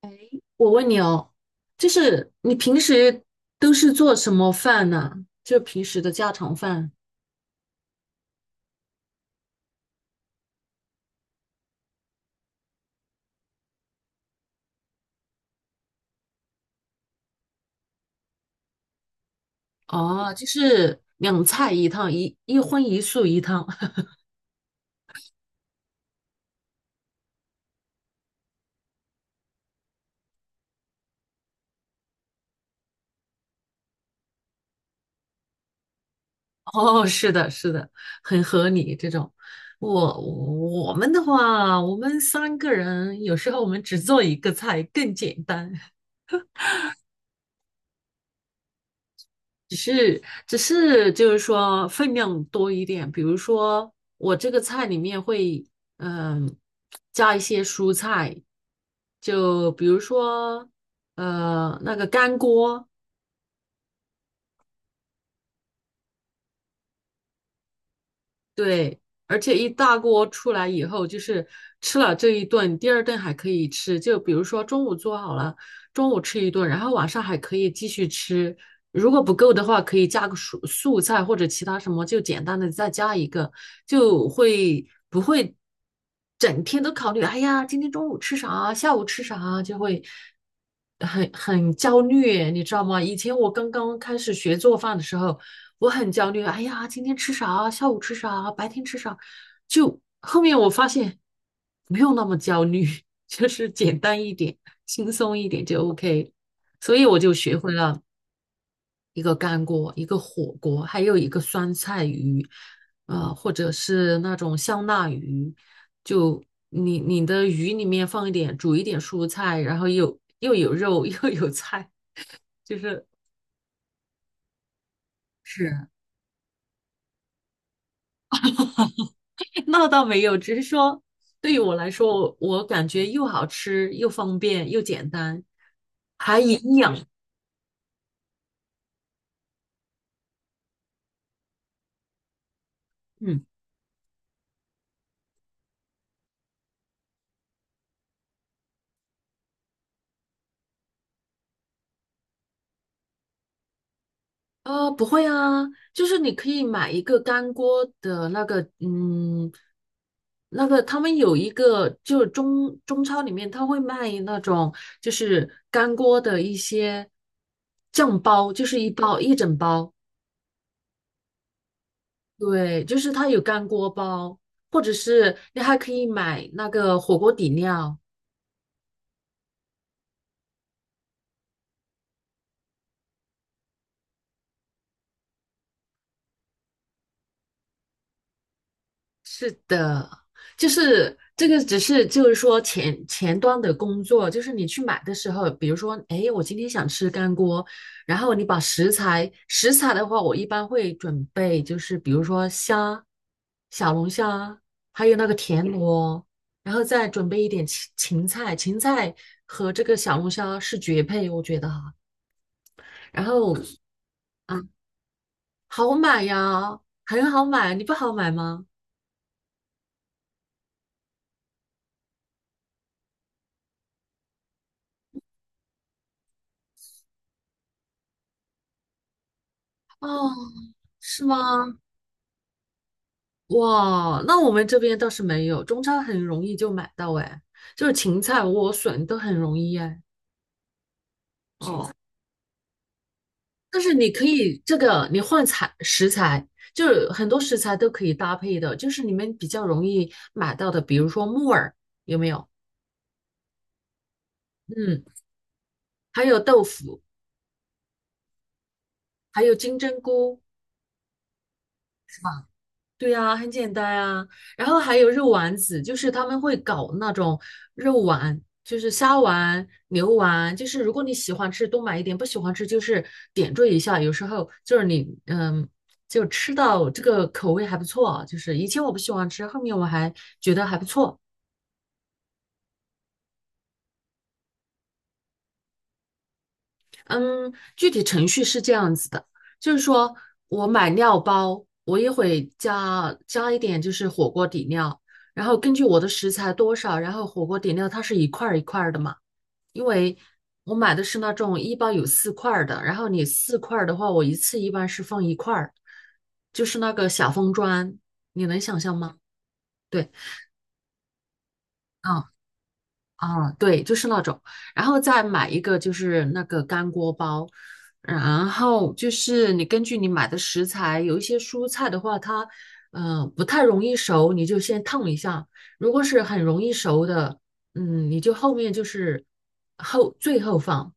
哎，我问你哦，就是你平时都是做什么饭呢？就平时的家常饭哦，就是两菜一汤，一荤一素一汤。哦，是的，是的，很合理这种。我我们的话，我们三个人有时候我们只做一个菜更简单。只是就是说分量多一点，比如说我这个菜里面会嗯、加一些蔬菜，就比如说那个干锅，对，而且一大锅出来以后，就是吃了这一顿，第二顿还可以吃。就比如说中午做好了，中午吃一顿，然后晚上还可以继续吃。如果不够的话，可以加个素菜或者其他什么，就简单的再加一个，就不会整天都考虑，哎呀，今天中午吃啥啊，下午吃啥啊，就会很焦虑，你知道吗？以前我刚刚开始学做饭的时候。我很焦虑。哎呀，今天吃啥？下午吃啥？白天吃啥？就后面我发现不用那么焦虑，就是简单一点，轻松一点就 OK。所以我就学会了一个干锅，一个火锅，还有一个酸菜鱼，或者是那种香辣鱼，就你的鱼里面放一点，煮一点蔬菜，然后又有肉 又有菜，就是。是。 那倒没有，只是说对于我来说，我感觉又好吃又方便又简单。嗯，不会啊，就是你可以买一个干锅的那个，嗯，那个他们有一个，就是中超里面他会卖那种就是干锅的一些酱包，就是一包一整包，对，就是它有干锅包，或者是你还可以买那个火锅底料。是的，就是这个，只是就是说前端的工作，就是你去买的时候，比如说，哎，我今天想吃干锅，然后你把食材，食材的话，我一般会准备，就是比如说虾、小龙虾，还有那个田螺，然后再准备一点芹菜，芹菜和这个小龙虾是绝配，我觉得哈。然后啊，好买呀，很好买，你不好买吗？哦，是吗？哇，那我们这边倒是没有，中超很容易就买到哎，就是芹菜、莴笋都很容易哎。但是你可以这个，你换材食材，就是很多食材都可以搭配的，就是你们比较容易买到的，比如说木耳有没有？嗯，还有豆腐，还有金针菇，是吧？对呀，很简单啊。然后还有肉丸子，就是他们会搞那种肉丸，就是虾丸、牛丸，就是如果你喜欢吃多买一点，不喜欢吃就是点缀一下。有时候就是你就吃到这个口味还不错啊，就是以前我不喜欢吃，后面我还觉得还不错。嗯，具体程序是这样子的，就是说我买料包，我也会加一点，就是火锅底料，然后根据我的食材多少，然后火锅底料它是一块儿一块儿的嘛，因为我买的是那种一包有四块儿的，然后你四块儿的话，我一次一般是放一块儿，就是那个小方砖，你能想象吗？对，嗯，啊，对，就是那种，然后再买一个就是那个干锅包，然后就是你根据你买的食材，有一些蔬菜的话，它不太容易熟，你就先烫一下；如果是很容易熟的，你就后面就是最后放。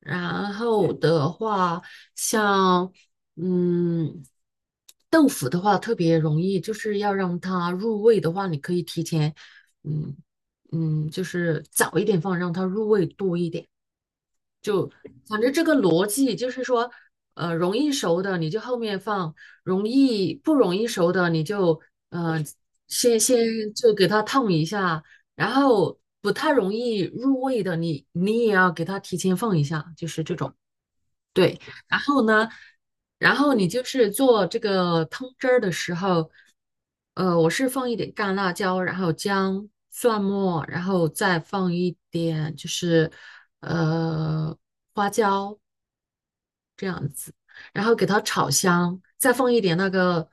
然后的话，像嗯豆腐的话，特别容易，就是要让它入味的话，你可以提前嗯。就是早一点放，让它入味多一点。反正这个逻辑就是说，容易熟的你就后面放，容易不容易熟的你就呃先就给它烫一下，然后不太容易入味的你也要给它提前放一下，就是这种。对，然后呢，然后你就是做这个汤汁儿的时候，我是放一点干辣椒，然后姜、蒜末，然后再放一点就是呃花椒，然后给它炒香，再放一点那个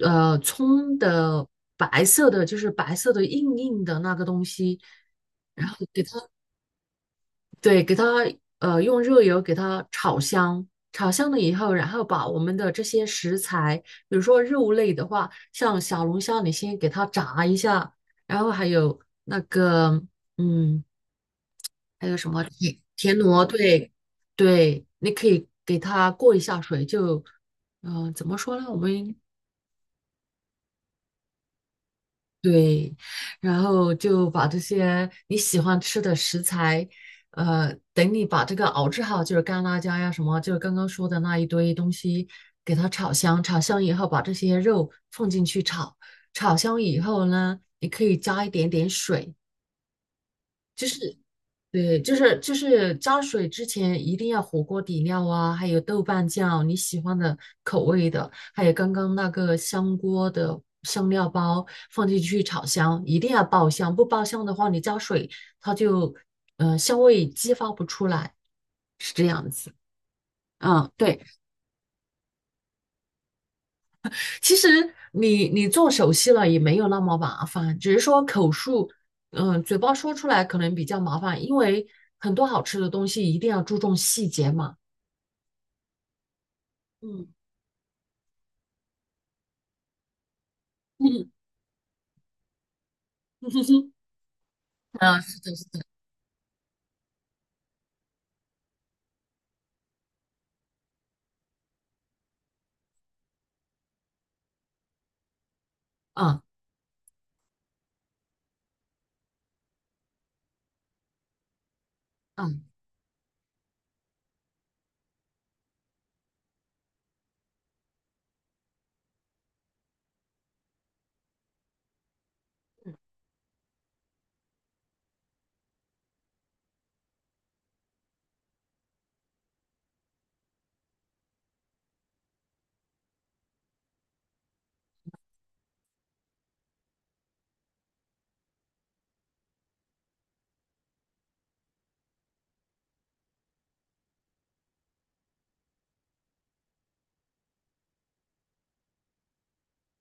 葱的白色的，就是白色的硬硬的那个东西，然后给。对，给它用热油给它炒香，炒香了以后，然后把我们的这些食材，比如说肉类的话，像小龙虾，你先给它炸一下，然后还有那个嗯，还有什么田螺，对对，你可以给它过一下水，就怎么说呢？对，然后就把这些你喜欢吃的食材，等你把这个熬制好，就是干辣椒呀什么，就是刚刚说的那一堆东西，给它炒香。炒香以后，把这些肉放进去炒。炒香以后呢，你可以加一点点水，对，就是就是加水之前一定要火锅底料啊，还有豆瓣酱，你喜欢的口味的，还有刚刚那个香锅的香料包放进去炒香，一定要爆香，不爆香的话，你加水它就香味激发不出来，是这样子。嗯，对，其实你做熟悉了也没有那么麻烦，只是说口述，嗯，嘴巴说出来可能比较麻烦，因为很多好吃的东西一定要注重细节嘛。嗯嗯，嗯，是的，是的，嗯啊，是的是的啊啊，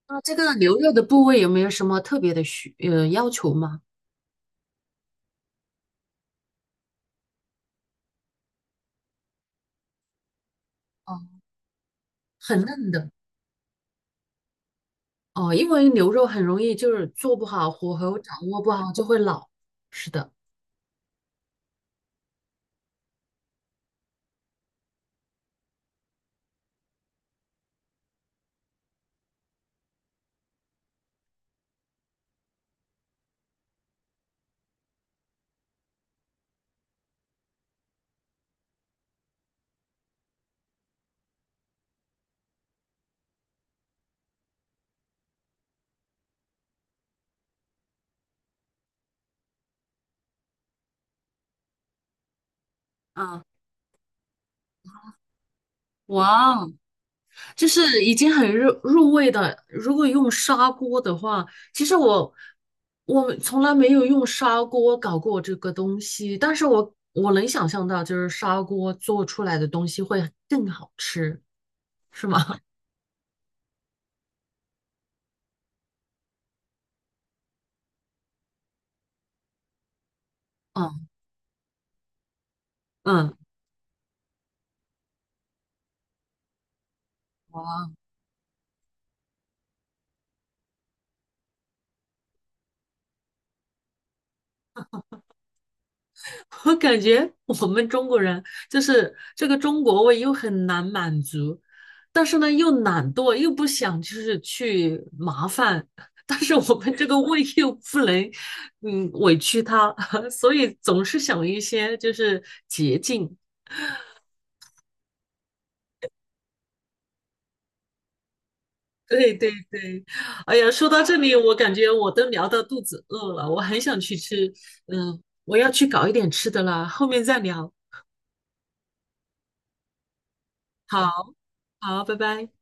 那这个牛肉的部位有没有什么特别的要求吗？哦，很嫩的哦，因为牛肉很容易就是做不好，火候掌握不好就会老。是的，啊，哇哦，就是已经很入味的。如果用砂锅的话，其实我从来没有用砂锅搞过这个东西，但是我能想象到，就是砂锅做出来的东西会更好吃，是吗？嗯嗯，哇，我感觉我们中国人就是这个中国胃又很难满足，但是呢又懒惰，又不想就是去麻烦，但是我们这个胃又不能委屈它，所以总是想一些就是捷径。对对对，哎呀，说到这里，我感觉我都聊到肚子饿了，我很想去吃，嗯，我要去搞一点吃的啦，后面再聊。好，好，拜拜。